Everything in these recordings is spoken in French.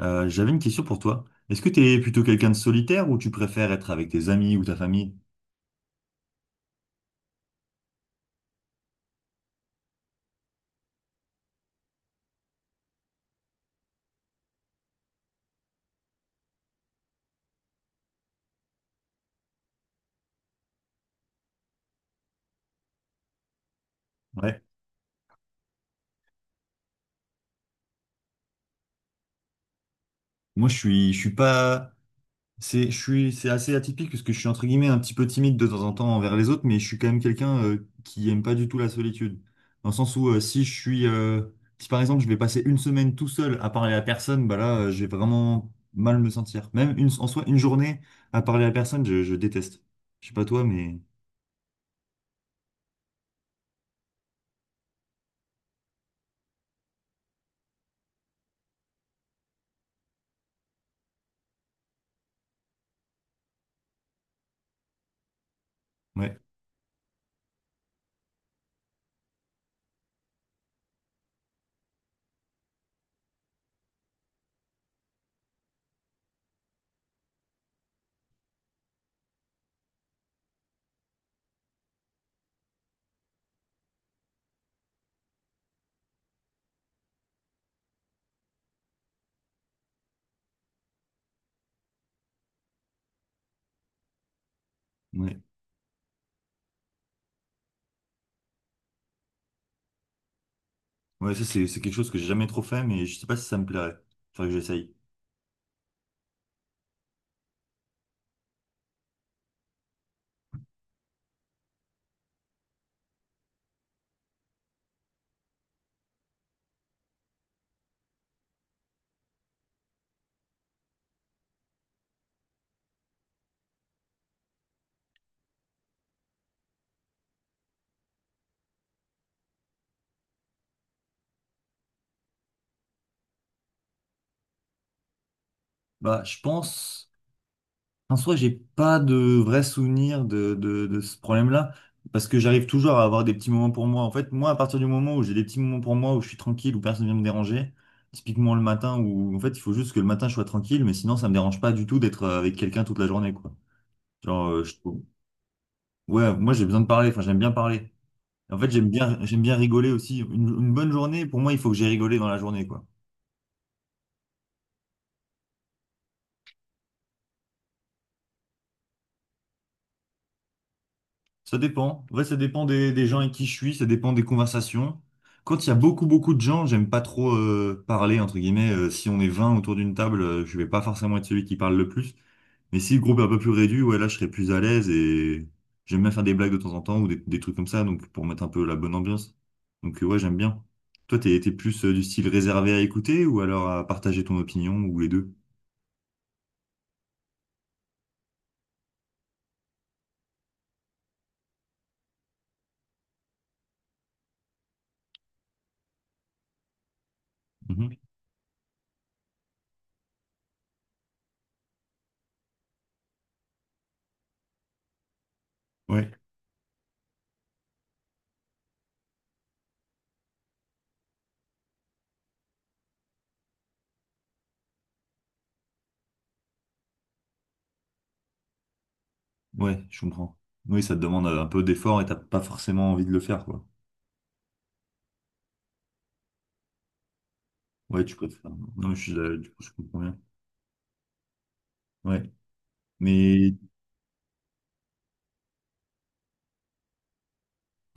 J'avais une question pour toi. Est-ce que tu es plutôt quelqu'un de solitaire ou tu préfères être avec tes amis ou ta famille? Ouais. Moi, je suis pas, c'est, je suis, c'est assez atypique parce que je suis entre guillemets un petit peu timide de temps en temps envers les autres, mais je suis quand même quelqu'un qui aime pas du tout la solitude. Dans le sens où si je suis, si par exemple je vais passer une semaine tout seul à parler à personne, bah là, je vais vraiment mal me sentir. Même une, en soi, une journée à parler à personne, je déteste. Je sais pas toi, mais ouais. Ouais. Ouais, ça, c'est quelque chose que j'ai jamais trop fait, mais je sais pas si ça me plairait. Faudrait que j'essaye. Bah, je pense, en soi, j'ai pas de vrai souvenir de ce problème-là, parce que j'arrive toujours à avoir des petits moments pour moi. En fait, moi, à partir du moment où j'ai des petits moments pour moi, où je suis tranquille, où personne vient me déranger, typiquement le matin, où en fait, il faut juste que le matin, je sois tranquille, mais sinon, ça me dérange pas du tout d'être avec quelqu'un toute la journée, quoi. Genre, je trouve- ouais, moi, j'ai besoin de parler, enfin, j'aime bien parler. En fait, j'aime bien rigoler aussi. Une bonne journée, pour moi, il faut que j'ai rigolé dans la journée, quoi. Ça dépend. Ouais, ça dépend des gens avec qui je suis, ça dépend des conversations. Quand il y a beaucoup, beaucoup de gens, j'aime pas trop parler, entre guillemets. Si on est 20 autour d'une table, je vais pas forcément être celui qui parle le plus. Mais si le groupe est un peu plus réduit, ouais, là, je serais plus à l'aise et j'aime bien faire des blagues de temps en temps ou des trucs comme ça, donc pour mettre un peu la bonne ambiance. Donc, ouais, j'aime bien. Toi, t'es plus du style réservé à écouter ou alors à partager ton opinion ou les deux? Mhm. Ouais, ouais, je comprends. Oui, ça te demande un peu d'effort et t'as pas forcément envie de le faire, quoi. Ouais, tu préfères. Non, je suis, du coup, je comprends bien. Ouais. Mais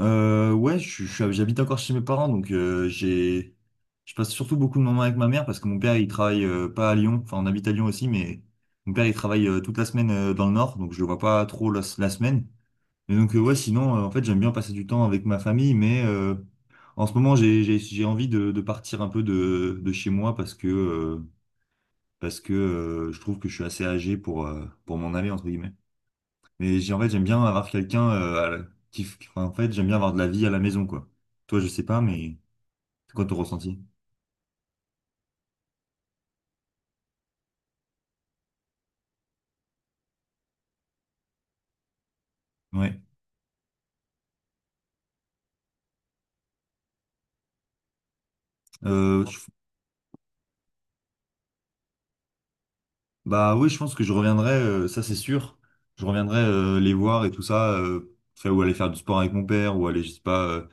je suis- j'habite encore chez mes parents, donc j'ai, je passe surtout beaucoup de moments avec ma mère parce que mon père, il travaille pas à Lyon. Enfin, on habite à Lyon aussi, mais mon père, il travaille toute la semaine dans le Nord, donc je le vois pas trop la semaine. Et donc ouais, sinon, en fait, j'aime bien passer du temps avec ma famille, mais en ce moment, j'ai envie de partir un peu de chez moi parce que je trouve que je suis assez âgé pour m'en aller entre guillemets. Mais j'ai, en fait, j'aime bien avoir quelqu'un à la- qui, f- enfin, en fait, j'aime bien avoir de la vie à la maison, quoi. Toi, je sais pas, mais c'est quoi ton ressenti? Ouais. Euh, je- bah oui, je pense que je reviendrai, ça c'est sûr. Je reviendrai les voir et tout ça, faire- ou aller faire du sport avec mon père, ou aller, je sais pas,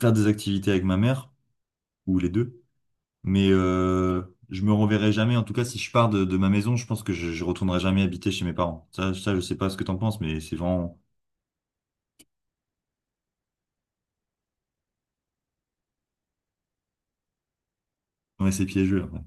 faire des activités avec ma mère, ou les deux. Mais je me reverrai jamais. En tout cas, si je pars de ma maison, je pense que je retournerai jamais habiter chez mes parents. Ça, je sais pas ce que t'en penses, mais c'est vraiment, ouais, c'est piégeux. Après.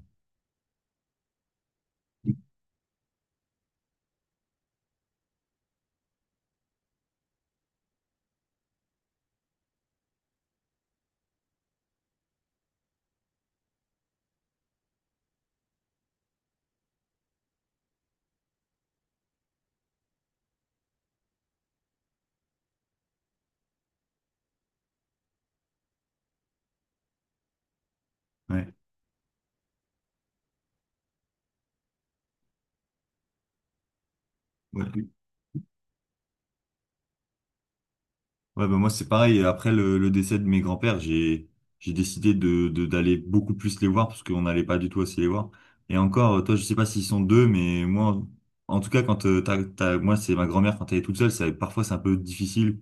Ouais. Ouais. Ouais, bah moi c'est pareil. Après le décès de mes grands-pères, j'ai décidé d'aller beaucoup plus les voir parce qu'on n'allait pas du tout assez les voir. Et encore, toi, je sais pas s'ils sont deux, mais moi, en tout cas, quand t'as- moi c'est ma grand-mère quand elle est toute seule, c'est parfois c'est un peu difficile.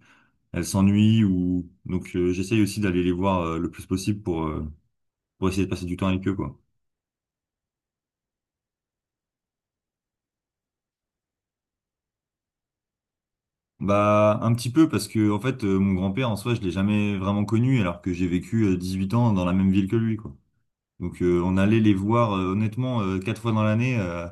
Elle s'ennuie ou donc j'essaye aussi d'aller les voir le plus possible pour essayer de passer du temps avec eux quoi. Bah un petit peu parce que en fait mon grand-père en soi je l'ai jamais vraiment connu alors que j'ai vécu 18 ans dans la même ville que lui quoi. Donc on allait les voir honnêtement 4 fois dans l'année,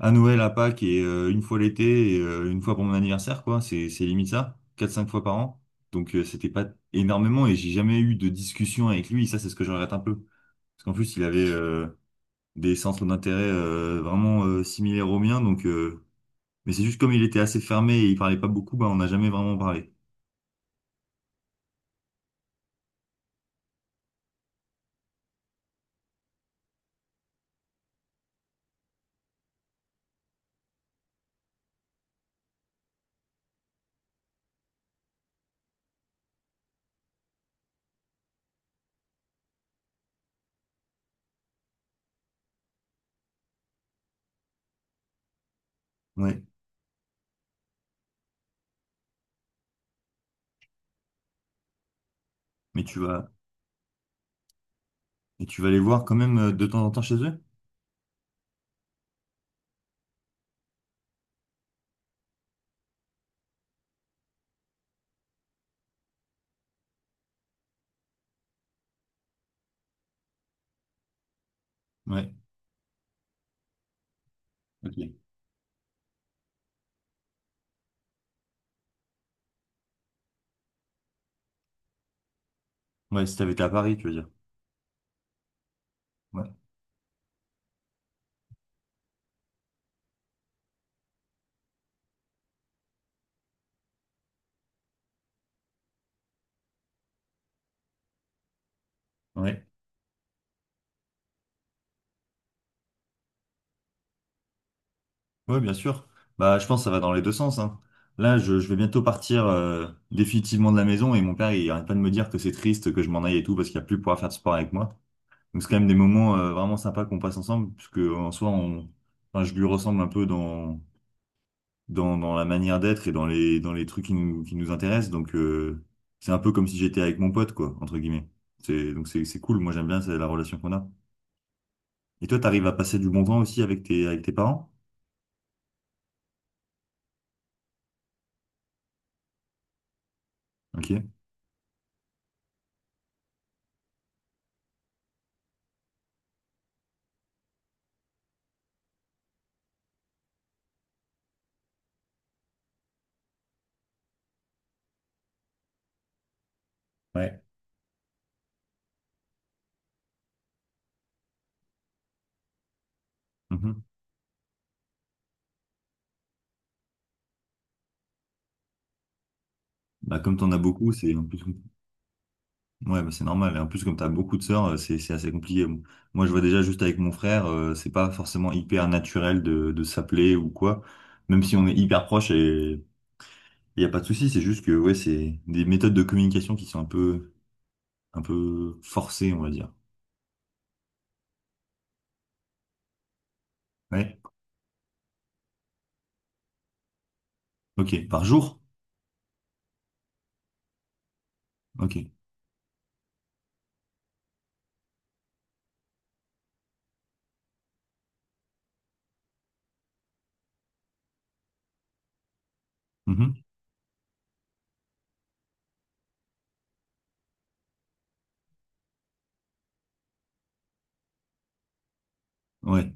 à Noël, à Pâques et une fois l'été et une fois pour mon anniversaire, quoi. C'est limite ça, 4 5 fois par an. Donc c'était pas énormément et j'ai jamais eu de discussion avec lui. Ça c'est ce que je regrette un peu, parce qu'en plus il avait des centres d'intérêt vraiment similaires aux miens. Donc mais c'est juste comme il était assez fermé et il parlait pas beaucoup, bah on n'a jamais vraiment parlé. Ouais. Mais tu vas et tu vas les voir quand même de temps en temps chez eux? Ouais. Ok. Ouais, si t'avais été à Paris, tu veux dire. Ouais. Ouais. Oui, bien sûr. Bah, je pense que ça va dans les deux sens, hein. Là, je vais bientôt partir définitivement de la maison et mon père, il arrête pas de me dire que c'est triste que je m'en aille et tout parce qu'il n'y a plus pouvoir faire de sport avec moi. Donc, c'est quand même des moments vraiment sympas qu'on passe ensemble, puisque en soi, on... enfin, je lui ressemble un peu dans, dans la manière d'être et dans les trucs qui nous intéressent. Donc, c'est un peu comme si j'étais avec mon pote, quoi, entre guillemets. C'est, donc, c'est cool. Moi, j'aime bien c'est la relation qu'on a. Et toi, t'arrives à passer du bon temps aussi avec tes parents? Ok. Ouais. Bah, comme t'en as beaucoup, c'est en plus... ouais, bah, c'est normal. Et en plus, comme t'as beaucoup de sœurs, c'est assez compliqué. Bon, moi, je vois déjà juste avec mon frère, c'est pas forcément hyper naturel de s'appeler ou quoi. Même si on est hyper proche et il y a pas de souci, c'est juste que ouais, c'est des méthodes de communication qui sont un peu forcées, on va dire. Ouais. Ok. Par jour? Ok. Mhm. Ouais.